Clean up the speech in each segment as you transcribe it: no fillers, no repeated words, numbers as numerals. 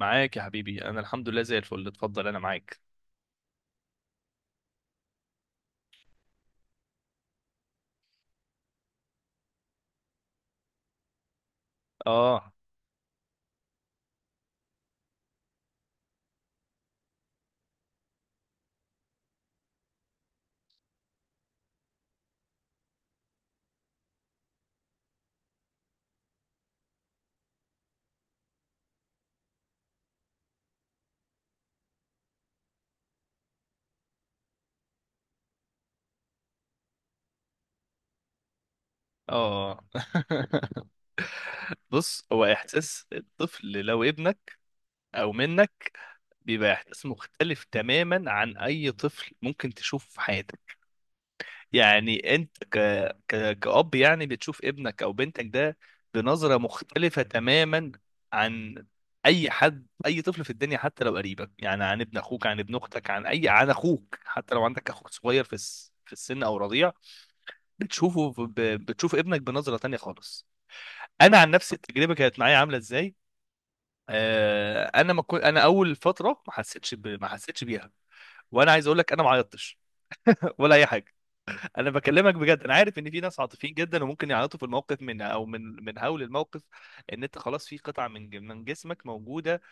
معاك يا حبيبي، انا الحمد لله زي الفل. اتفضل انا معاك. اه اه بص، هو احساس الطفل لو ابنك او منك بيبقى احساس مختلف تماما عن اي طفل ممكن تشوفه في حياتك. يعني انت كأب يعني بتشوف ابنك او بنتك ده بنظرة مختلفة تماما عن اي حد، اي طفل في الدنيا، حتى لو قريبك، يعني عن ابن اخوك، عن ابن اختك، عن اي، عن اخوك، حتى لو عندك اخوك صغير في السن او رضيع. بتشوف ابنك بنظرة تانية خالص. انا عن نفسي التجربة كانت معايا عاملة ازاي؟ آه، انا ما كنت، انا اول فترة ما حسيتش بيها. وانا عايز اقول لك انا ما عيطتش ولا اي حاجة. انا بكلمك بجد، انا عارف ان في ناس عاطفيين جدا وممكن يعيطوا في الموقف من، او من هول الموقف، ان انت خلاص في قطعه من جسمك موجوده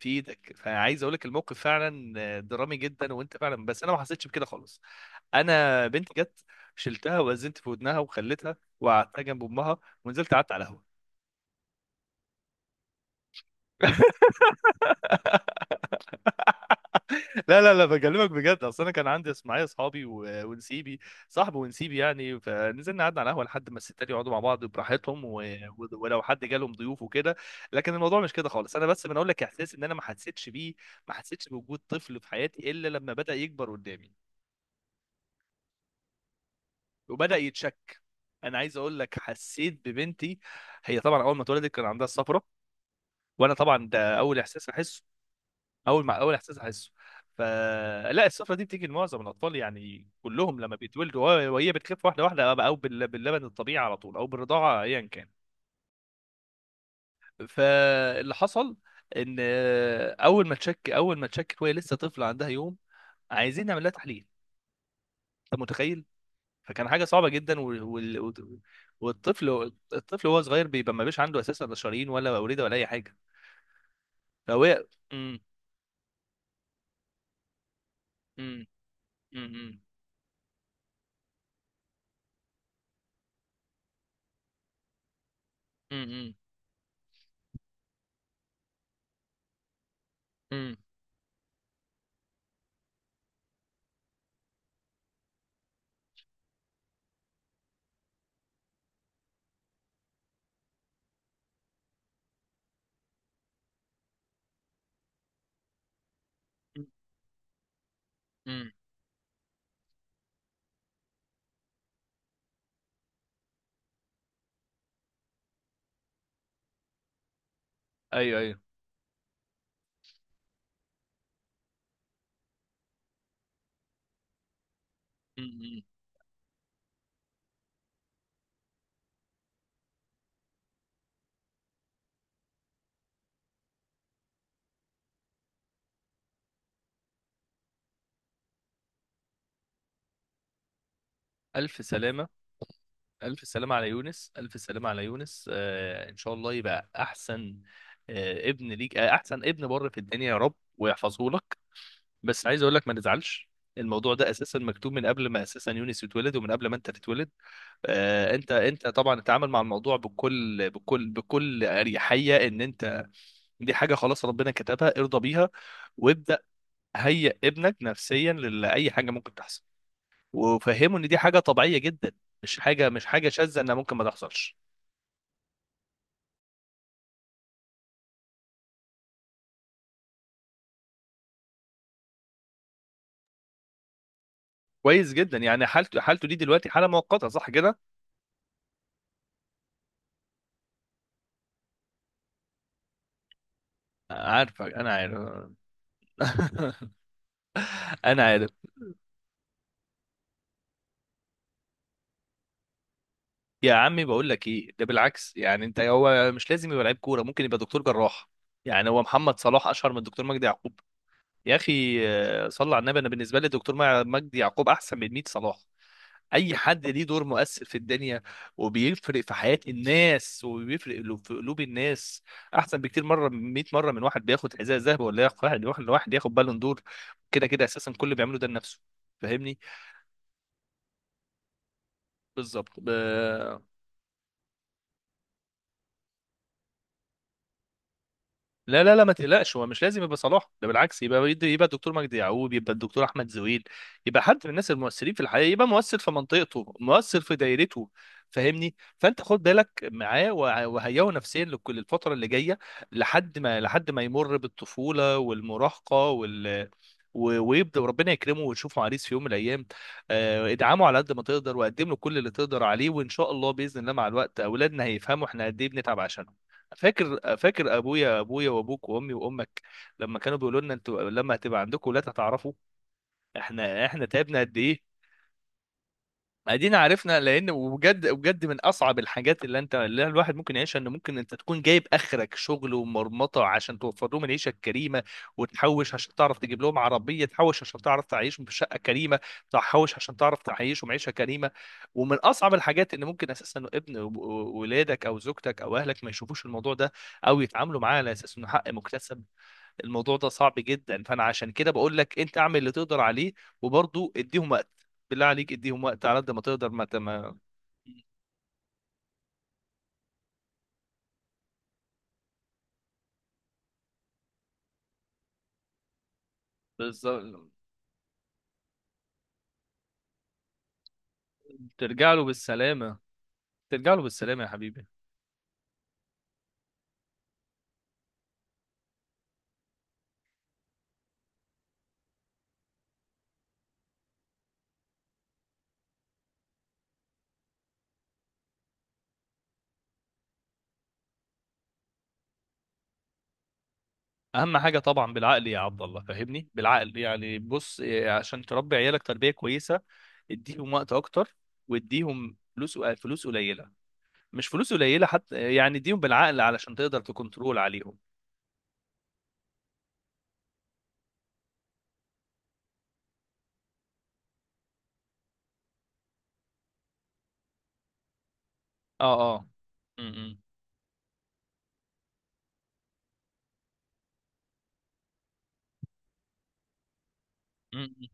في ايدك. فعايز اقول لك الموقف فعلا درامي جدا، وانت فعلا، بس انا ما حسيتش بكده خالص. انا بنت جت، شلتها ووزنت في ودنها وخليتها وقعدتها جنب امها، ونزلت قعدت على القهوه. لا لا لا، بكلمك بجد، اصل انا كان عندي معايا اصحابي ونسيبي، صاحب ونسيبي، يعني فنزلنا قعدنا على القهوه لحد ما الستات يقعدوا مع بعض براحتهم و... ولو حد جالهم ضيوف وكده. لكن الموضوع مش كده خالص، انا بس بنقول لك احساس ان انا ما حسيتش بيه. ما حسيتش بوجود طفل في حياتي الا لما بدا يكبر قدامي وبدا يتشك. انا عايز اقول لك حسيت ببنتي. هي طبعا اول ما اتولدت كان عندها الصفرة، وانا طبعا ده اول احساس احسه. اول ما اول احساس احسه، فلا السفره دي بتيجي لمعظم الاطفال يعني، كلهم لما بيتولدوا. وهي بتخف واحده واحده او باللبن الطبيعي على طول او بالرضاعه، ايا كان. فاللي حصل ان آه، اول ما تشك، اول ما تشكت وهي لسه طفله عندها يوم، عايزين نعمل لها تحليل. انت متخيل؟ فكان حاجه صعبه جدا، والطفل، الطفل وهو صغير بيبقى ما بيش عنده اساسا لا شرايين ولا اورده ولا اي حاجه. فهو امم امم امم امم امم امم ايوه ايوه. م- م. ألف سلامة، ألف سلامة على يونس، ألف سلامة على يونس. آه إن شاء الله يبقى أحسن. آه ابن ليك، آه أحسن ابن بر في الدنيا يا رب، ويحفظه لك. بس عايز أقول لك ما نزعلش، الموضوع ده أساسا مكتوب من قبل ما أساسا يونس يتولد ومن قبل ما أنت تتولد. آه أنت، أنت طبعا اتعامل مع الموضوع بكل أريحية. إن أنت دي حاجة خلاص ربنا كتبها ارضى بيها. وابدأ هيئ ابنك نفسيا لأي حاجة ممكن تحصل، وفهموا ان دي حاجه طبيعيه جدا. مش حاجه، مش حاجه شاذه انها ممكن ما تحصلش. كويس جدا يعني، حالته، حالته دي دلوقتي حاله مؤقته، صح كده؟ عارفك، انا عارف. انا عارف يا عمي. بقول لك ايه ده، بالعكس يعني انت، هو مش لازم يبقى لعيب كوره، ممكن يبقى دكتور جراح. يعني هو محمد صلاح اشهر من دكتور مجدي يعقوب، يا اخي؟ آه، صلى على النبي، انا بالنسبه لي دكتور مجدي يعقوب احسن من 100 صلاح. اي حد ليه دور مؤثر في الدنيا وبيفرق في حياة الناس وبيفرق في قلوب الناس احسن بكتير مرة، 100 مرة، من واحد بياخد حذاء ذهب ولا ياخد واحد ياخد بالون دور. كده كده اساسا كل اللي بيعمله ده لنفسه، فاهمني؟ بالظبط ب... لا لا لا، ما تقلقش. هو مش لازم يبقى صلاح ده، بالعكس، يبقى، يبقى الدكتور مجدي يعقوب، يبقى الدكتور احمد زويل، يبقى حد من الناس المؤثرين في الحقيقه، يبقى مؤثر في منطقته، مؤثر في دايرته، فاهمني؟ فانت خد بالك معاه وهيئه نفسيا لكل الفتره اللي جايه، لحد ما، لحد ما يمر بالطفوله والمراهقه ويبدا، وربنا يكرمه ويشوفه عريس في يوم من الايام. آه، ادعمه على قد ما تقدر وقدم له كل اللي تقدر عليه، وان شاء الله باذن الله مع الوقت اولادنا هيفهموا احنا قد ايه بنتعب عشان. فاكر، فاكر ابويا، ابويا وابوك وامي وامك لما كانوا بيقولوا لنا انتوا لما هتبقى عندكم ولاد هتعرفوا احنا، احنا تعبنا قد ايه. ادينا عرفنا. لان، وبجد بجد، من اصعب الحاجات اللي انت، اللي الواحد ممكن يعيشها ان ممكن انت تكون جايب اخرك شغل ومرمطه عشان توفر لهم العيشه الكريمه، وتحوش عشان تعرف تجيب لهم عربيه، تحوش عشان تعرف تعيشهم في شقه كريمه، تحوش عشان تعرف تعيشهم عيشه كريمه. ومن اصعب الحاجات ان ممكن اساسا ابن ولادك او زوجتك او اهلك ما يشوفوش الموضوع ده، او يتعاملوا معاه على اساس انه حق مكتسب. الموضوع ده صعب جدا، فانا عشان كده بقول لك انت اعمل اللي تقدر عليه. وبرضه اديهم وقت، بالله عليك اديهم وقت على قد ما تقدر، بالظبط. ترجع له بالسلامة، ترجع له بالسلامة يا حبيبي. أهم حاجة طبعا بالعقل يا عبد الله، فاهمني؟ بالعقل، يعني بص إيه، عشان تربي عيالك تربية كويسة اديهم وقت أكتر، واديهم فلوس، فلوس قليلة، مش فلوس قليلة حتى، يعني اديهم بالعقل علشان تقدر تكنترول عليهم. اه اه م- م- م-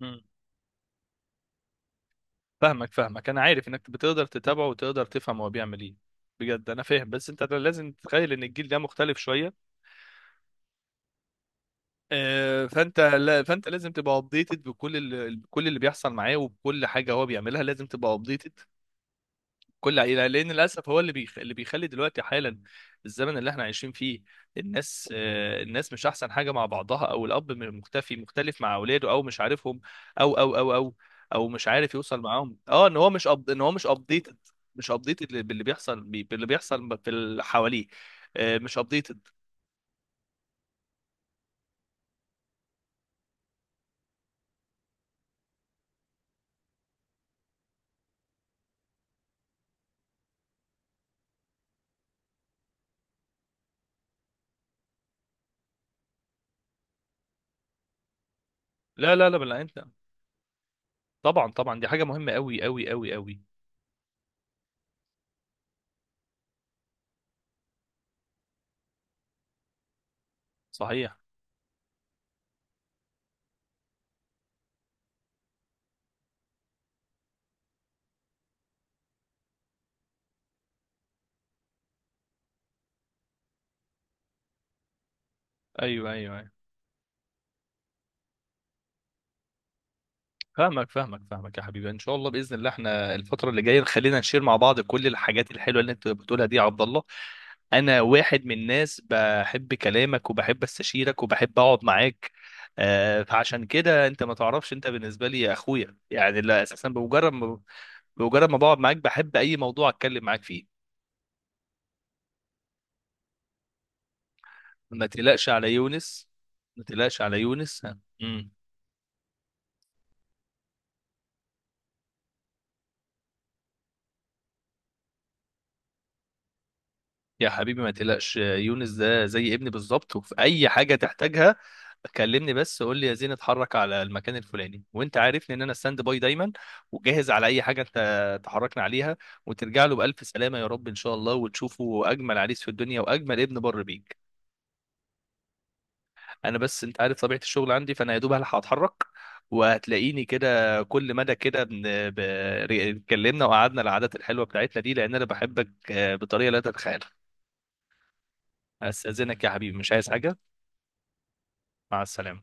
م- فاهمك، فاهمك، انا عارف انك بتقدر تتابعه وتقدر تفهم هو بيعمل ايه. بجد انا فاهم، بس انت لازم تتخيل ان الجيل ده مختلف شويه. آه، فانت، لا فانت لازم تبقى ابديتد بكل اللي بيحصل معاه، وبكل حاجه هو بيعملها لازم تبقى ابديتد كل عائلة. لأن للأسف هو اللي اللي بيخلي دلوقتي حالا الزمن اللي احنا عايشين فيه، الناس، آه، الناس مش أحسن حاجة مع بعضها، أو الأب مختفي، مختلف مع أولاده، أو مش عارفهم، أو أو مش عارف يوصل معاهم، أه، إن هو مش أب... إن هو مش أبديتد، مش أبديتد باللي باللي بيحصل في اللي حواليه. آه، مش أبديتد. لا لا لا لا، أنت طبعا، طبعا دي حاجة مهمة أوي. صحيح. أيوه، أيوه، أيوه. فاهمك يا حبيبي. ان شاء الله باذن الله احنا الفتره اللي جايه خلينا نشير مع بعض كل الحاجات الحلوه اللي انت بتقولها دي يا عبد الله. انا واحد من الناس بحب كلامك وبحب استشيرك وبحب اقعد معاك. آه، فعشان كده انت ما تعرفش انت بالنسبه لي يا اخويا، يعني لا اساسا بمجرد ما، بمجرد ما بقعد معاك بحب اي موضوع اتكلم معاك فيه. ما تقلقش على يونس، ما تقلقش على يونس يا حبيبي. ما تقلقش، يونس ده زي ابني بالظبط، وفي اي حاجه تحتاجها كلمني بس قول لي يا زين اتحرك على المكان الفلاني، وانت عارفني ان انا ستاند باي دايما، وجاهز على اي حاجه انت تحركنا عليها. وترجع له بالف سلامه يا رب ان شاء الله، وتشوفه اجمل عريس في الدنيا واجمل ابن بر بيك. انا بس انت عارف طبيعه الشغل عندي، فانا يا دوب هلحق اتحرك. وهتلاقيني كده كل مدى كده اتكلمنا وقعدنا العادات الحلوه بتاعتنا دي، لان انا بحبك آه، بطريقه لا تتخيلها. استاذنك يا حبيبي، مش عايز حاجه. مع السلامة.